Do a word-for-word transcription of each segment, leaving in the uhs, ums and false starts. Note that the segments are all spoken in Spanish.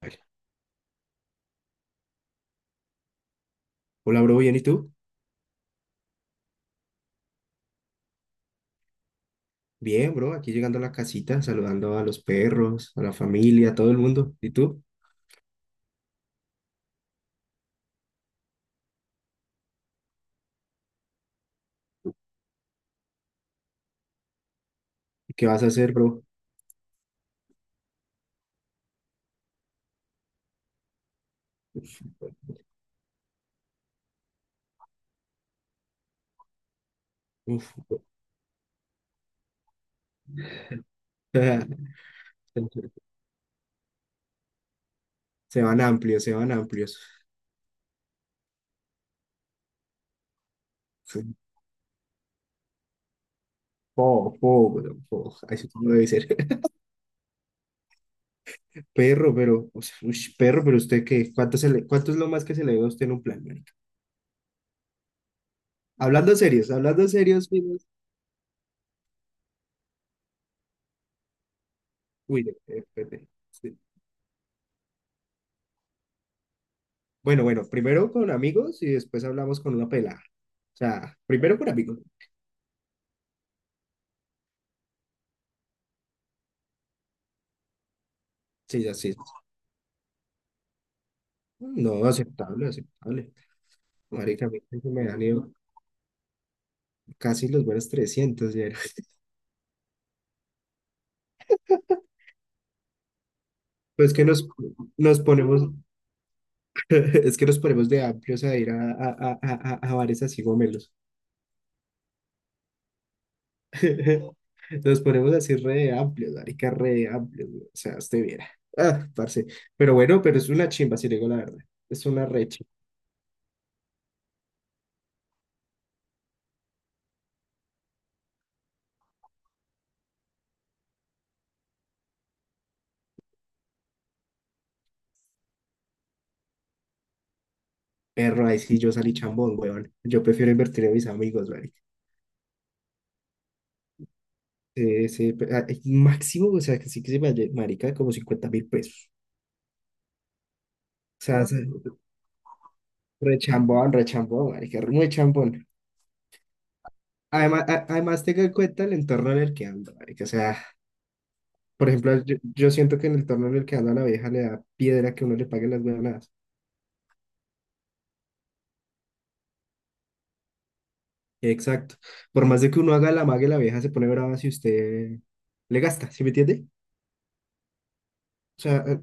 Vale. Hola, bro, ¿bien y tú? Bien, bro, aquí llegando a la casita, saludando a los perros, a la familia, a todo el mundo. ¿Y tú? ¿Y ¿Qué vas a hacer, bro? Uf, uf, bro. Se van amplios, se van amplios. Sí. Po, po, bro, po. Así como debe ser. Perro, pero, o sea, ush, perro, pero usted qué, ¿cuánto se le- cuánto es lo más que se le ve a usted en un plan, marica? Hablando serios, hablando serios, amigos. Uy, de- de- de- de- sí. Bueno, bueno, primero con amigos y después hablamos con una pelada. O sea, primero con amigos. Sí, ya, sí. No, aceptable, aceptable. Marica, a mí se me han ido casi los buenos trescientos ya. Pues que nos, nos ponemos, es que nos ponemos de amplios a ir a, a, a, a, a bares así gomelos. Nos ponemos así re amplios, marica, re amplios, güey. O sea, usted viera. Ah, parce. Pero bueno, pero es una chimba, si le digo la verdad. Es una re chimba. Perro, ahí sí yo salí chambón, weón. Yo prefiero invertir en mis amigos, marica. Sí, sí, pe- ah, máximo, o sea, que sí, que se me halle- marica como cincuenta mil pesos. O sea, rechambón, rechambón, marica, muy chambón. Además, a- además tenga en cuenta el entorno en el que ando, marica. O sea, por ejemplo, yo, yo siento que en el entorno en el que ando a la vieja le da piedra que uno le pague las huevonadas. Exacto. Por más de que uno haga la mague, la vieja se pone brava si usted le gasta, ¿sí me entiende? O sea, a,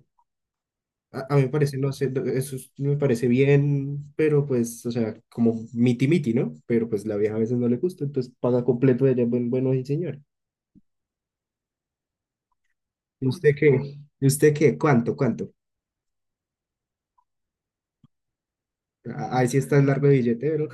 a- a mí me parece, no sé, no- eso es- me parece bien, pero pues, o sea, como miti miti, ¿no? Pero pues la vieja a veces no le gusta, entonces paga completo ella, buen, bueno, y señor. ¿Y usted qué? ¿Y usted qué? ¿Cuánto? ¿Cuánto? Ah, ahí sí está el largo de billete, bro.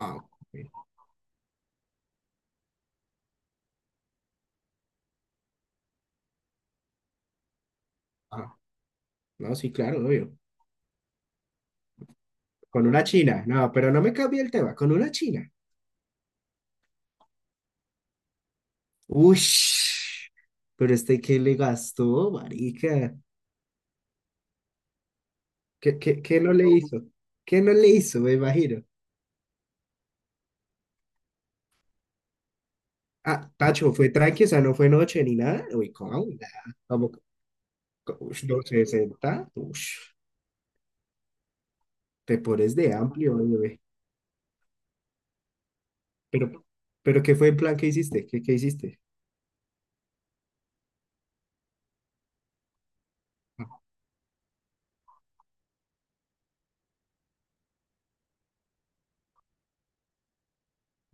Ah, ok. Ah, no, sí, claro, obvio. Con una china, no, pero no me cambie el tema, con una china. Uy, pero este, ¿qué le gastó, marica? ¿Qué, qué, qué no le hizo? ¿Qué no le hizo, me imagino? Ah, Tacho, fue tranqui, o sea, no fue noche ni nada. Uy, ¿cómo? Como, uy, no, sesenta. Uy, te pones de amplio, bebé. Pero, pero ¿qué fue el plan que hiciste? ¿Qué, qué hiciste? Ah,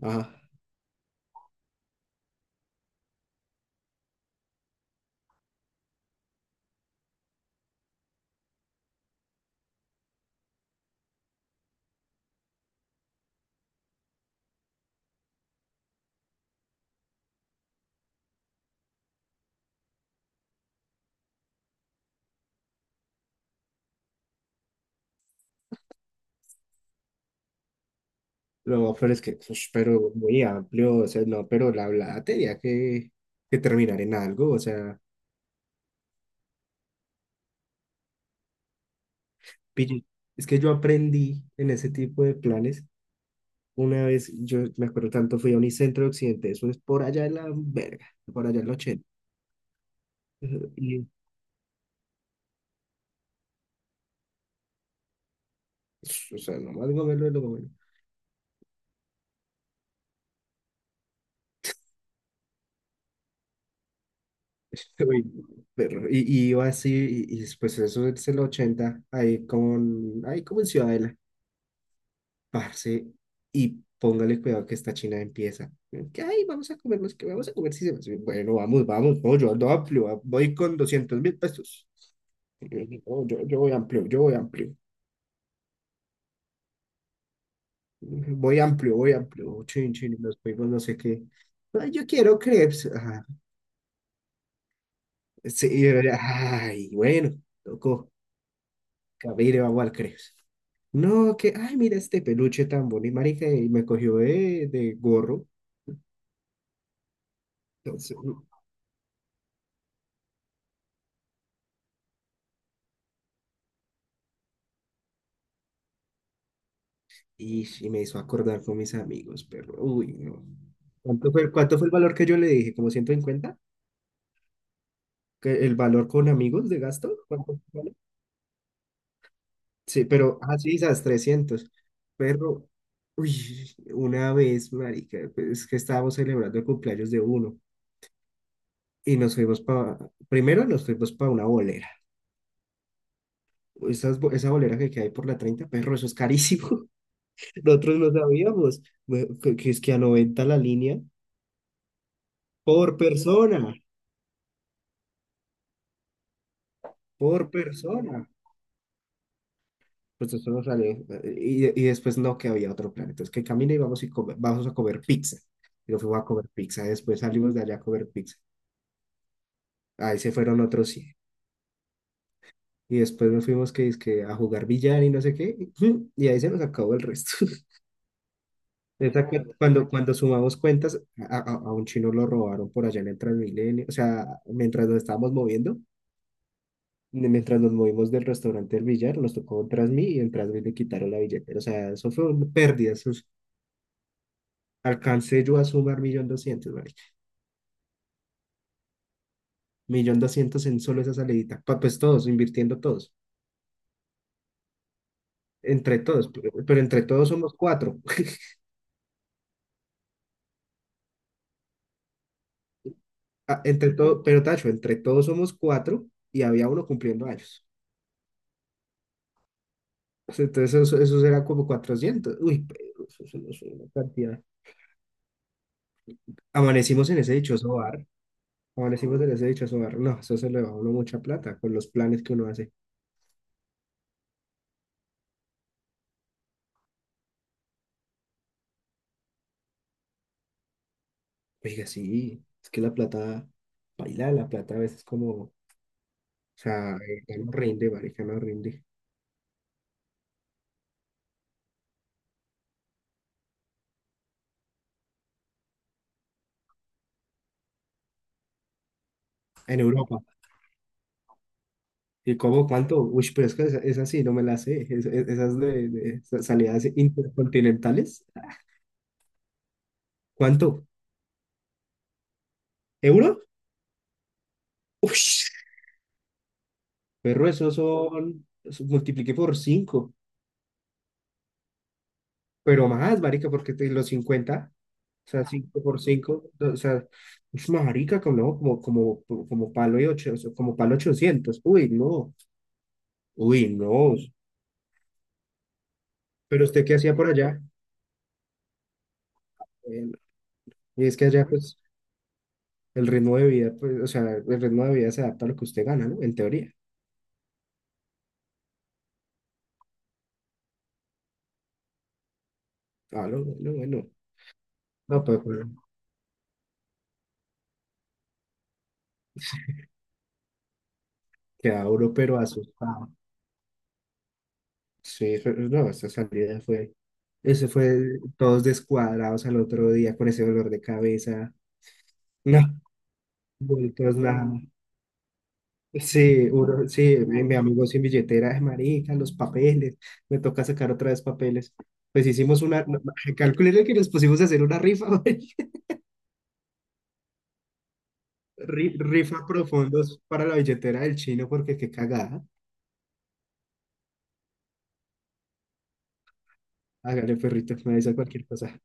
ajá. Lo peor es que, ush, pero muy amplio, o sea, no, pero la hablada tenía que, que terminar en algo, o sea, pille- es que yo aprendí en ese tipo de planes, una vez, yo me acuerdo tanto, fui a Unicentro de Occidente, eso es por allá en la verga, por allá en la ochenta, y, pues, o sea, nomás gomelo de lo gomelo. Uy, perro, y, y iba así, y, y, pues eso es el ochenta ahí con, ahí como en Ciudadela. Parce, y póngale cuidado que esta china empieza. Que, ay, vamos a comernos, que vamos a comer. Sí, sí, bueno, vamos, vamos, no, yo ando amplio, ah, voy con doscientos mil pesos. Y Yo, no, yo, yo voy amplio, yo voy amplio. Voy amplio, voy amplio. Oh, chin, chin, y nos fuimos, no sé qué. Ay, yo quiero crepes. Ah, sí, y yo, ay, bueno, tocó. Camine, vamos al crepes. No, que, ay, mira este peluche tan bonito, marica, y me cogió de, de, gorro. Y, y me hizo acordar con mis amigos, pero uy, no. ¿Cuánto fue, cuánto fue el valor que yo le dije? ¿Como ciento cincuenta? ¿Que El valor con amigos de gasto? ¿Cuánto vale? Sí, pero, ah, sí, esas trescientos. Pero, uy, una vez, marica, pues, es que estábamos celebrando el cumpleaños de uno y nos fuimos para, primero nos fuimos para una bolera. Esas, bo- esa bolera que, que hay por la treinta, perro, eso es carísimo. Nosotros no sabíamos, we- que, que es que a noventa la línea por persona, por persona. Pues eso no salió. Y, y después no, que había otro plan. Entonces, que camine y vamos, y come- vamos a comer pizza. Y nos fuimos a comer pizza. Después salimos de allá a comer pizza. Ahí se fueron otros cien. Y después nos fuimos que, que a jugar billar y no sé qué. Y ahí se nos acabó el resto. Esa cu- cuando, cuando sumamos cuentas, a, a- a un chino lo robaron por allá en el Transmilenio. O sea, mientras nos estábamos moviendo, mientras nos movimos del restaurante del billar, nos tocó un Transmi y en Transmi le quitaron la billetera. O sea, eso fue una pérdida. Alcancé yo a sumar millón doscientos, marica. Millón doscientos en solo esa salidita. Pa- Pues todos, invirtiendo todos. Entre todos, pero, pero entre todos somos cuatro. Ah, entre todo, pero Tacho, entre todos somos cuatro y había uno cumpliendo años. O Entonces eso, eso era como cuatrocientos. Uy, pero eso es una, es una cantidad. Amanecimos en ese dichoso bar. Amanecimos en ese dichoso bar. No, eso se le va a uno mucha plata con los planes que uno hace. Oiga, sí, es que la plata, baila, la plata a veces como. O sea, eh, ya no rinde, marica, no rinde. En Europa. ¿Y cómo? ¿Cuánto? Uy, pero es que esa, esa sí, no me la sé. Es- es- esas de, de sa- salidas intercontinentales. ¿Cuánto? ¿Euro? Uy, perro, esos son, eso multipliqué por cinco pero más, marica, porque te- los cincuenta, o sea, cinco por cinco, o sea, ush, marica, como, no, como, como, como palo y ocho, o sea, como palo ochocientos. Uy, no, uy, no. Pero usted, ¿qué hacía por allá? Eh, y es que allá, pues, el ritmo de vida, pues, o sea, el ritmo de vida se adapta a lo que usted gana, ¿no? En teoría. Ah, no, bueno, bueno. No, pues, bueno, queda duro, pero asustado. Sí, fue- no, esa salida fue, eso fue todos descuadrados al otro día con ese dolor de cabeza. No, vueltos nada. Sí, uno- sí, mi, mi amigo sin billetera, "Ay, marica, los papeles, me toca sacar otra vez papeles." Pues hicimos una, calculé que nos pusimos a hacer una rifa. Ri- Rifa profundos para la billetera del chino porque qué cagada. Hágale perrito, me dice cualquier cosa.